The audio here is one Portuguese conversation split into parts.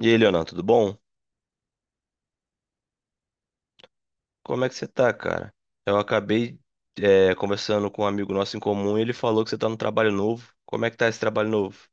E aí, Leonan, tudo bom? Como é que você tá, cara? Eu acabei, Conversando com um amigo nosso em comum, e ele falou que você tá num trabalho novo. Como é que tá esse trabalho novo?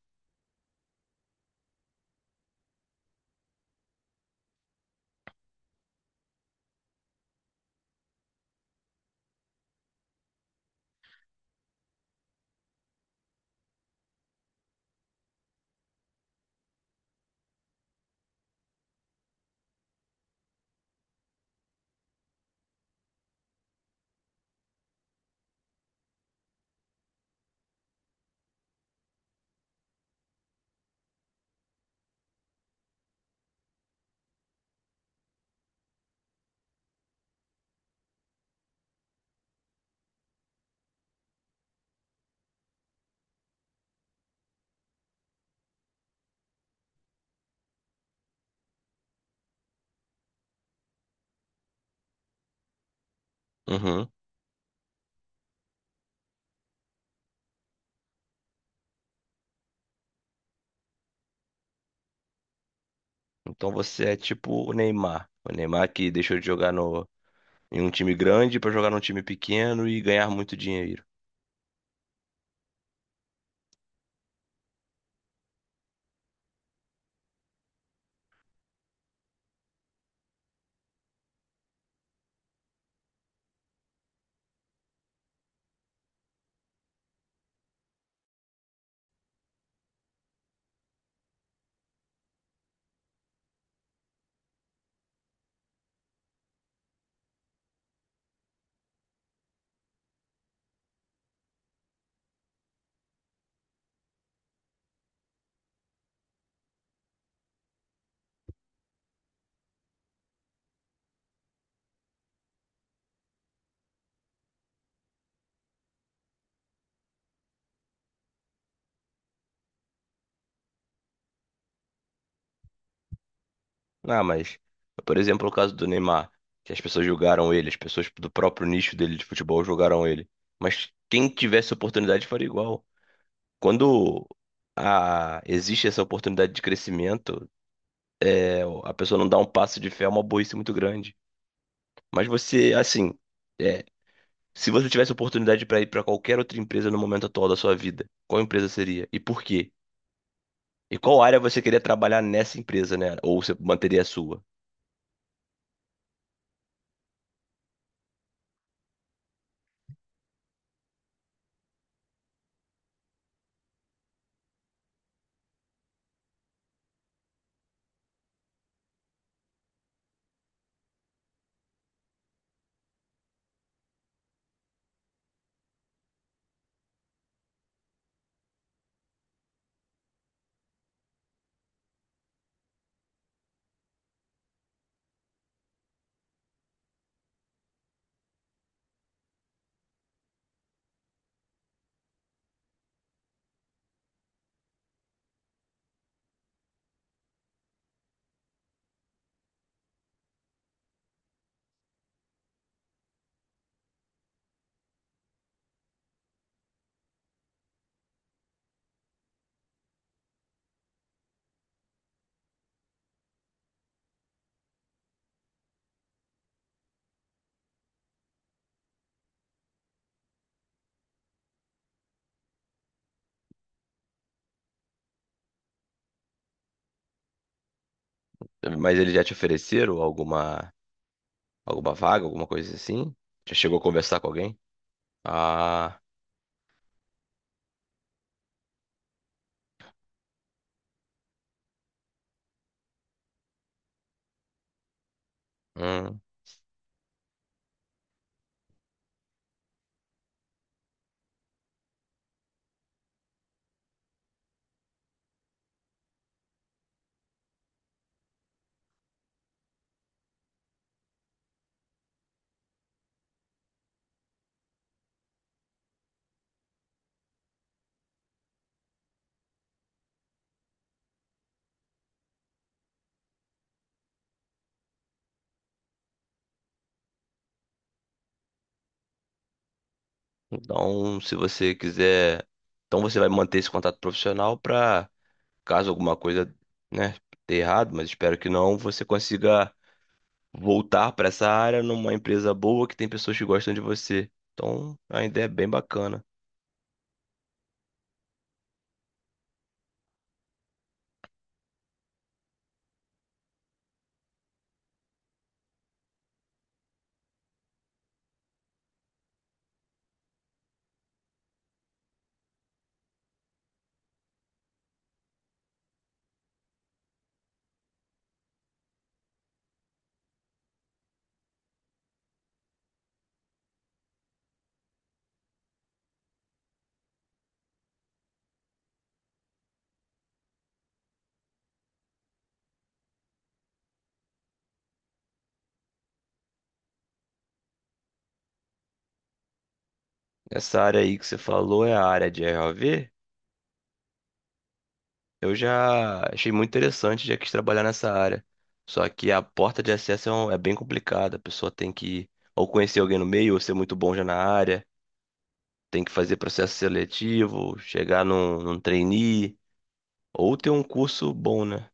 Uhum. Então você é tipo o Neymar. O Neymar que deixou de jogar no, em um time grande pra jogar num time pequeno e ganhar muito dinheiro. Ah, mas, por exemplo, o caso do Neymar, que as pessoas julgaram ele, as pessoas do próprio nicho dele de futebol julgaram ele. Mas quem tivesse oportunidade faria igual. Quando existe essa oportunidade de crescimento, a pessoa não dá um passo de fé, é uma burrice muito grande. Mas você, assim, é, se você tivesse oportunidade para ir para qualquer outra empresa no momento atual da sua vida, qual empresa seria? E por quê? E qual área você queria trabalhar nessa empresa, né? Ou você manteria a sua? Mas eles já te ofereceram alguma vaga, alguma coisa assim? Já chegou a conversar com alguém? Ah, hum. Então, se você quiser. Então você vai manter esse contato profissional para caso alguma coisa, né, dê errado, mas espero que não, você consiga voltar para essa área numa empresa boa que tem pessoas que gostam de você. Então, a ideia é bem bacana. Essa área aí que você falou é a área de ROV. Eu já achei muito interessante, já quis trabalhar nessa área. Só que a porta de acesso é bem complicada. A pessoa tem que ou conhecer alguém no meio, ou ser muito bom já na área, tem que fazer processo seletivo, chegar num trainee, ou ter um curso bom, né?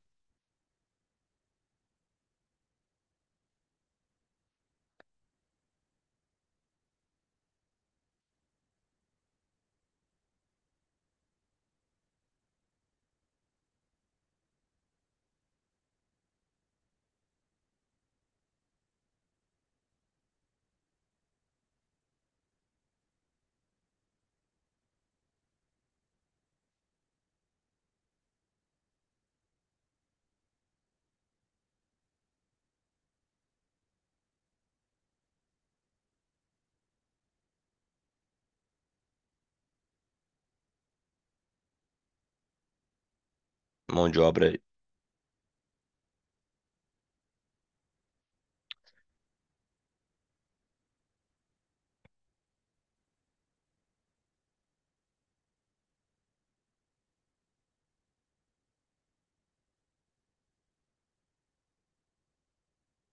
Mão de obra.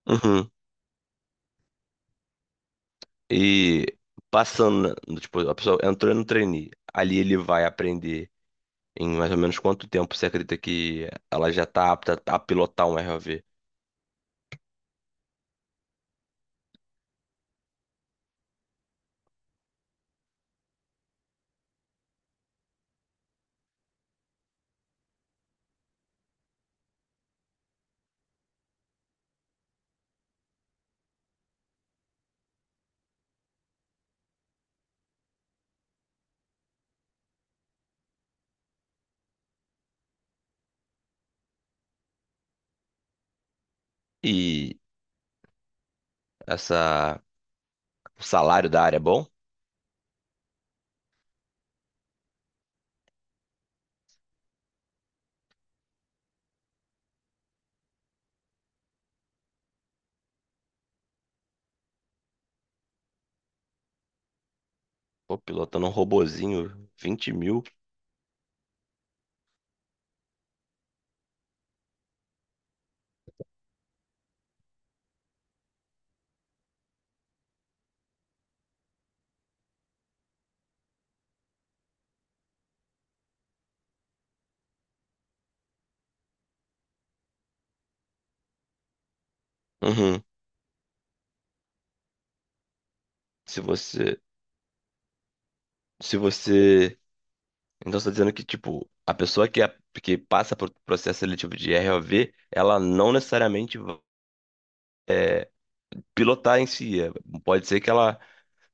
E passando, tipo, a pessoa entrou no trainee, ali ele vai aprender em mais ou menos quanto tempo você acredita que ela já está apta a pilotar um ROV? E essa, o salário da área é bom? Pô, pilotando um robozinho, 20 mil. Uhum. Se você, se você, então você tá dizendo que, tipo, a pessoa que, é- que passa por processo seletivo de ROV, ela não necessariamente vai pilotar em si. É, pode ser que ela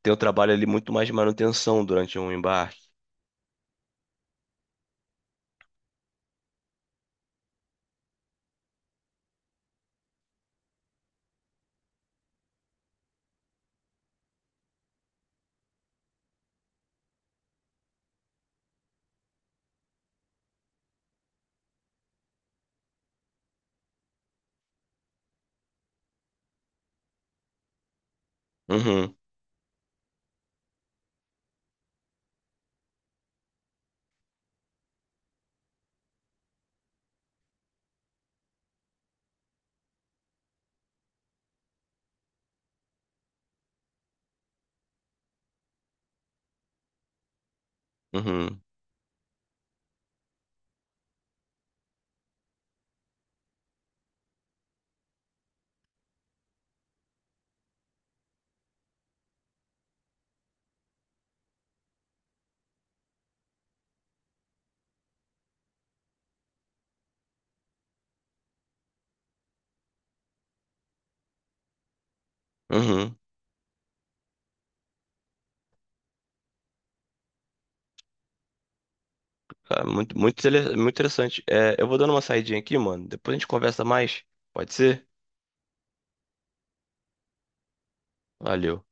tem o trabalho ali muito mais de manutenção durante um embarque. Uhum, uhum, uhum. Cara, muito interessante. É, eu vou dando uma saidinha aqui, mano. Depois a gente conversa mais. Pode ser? Valeu.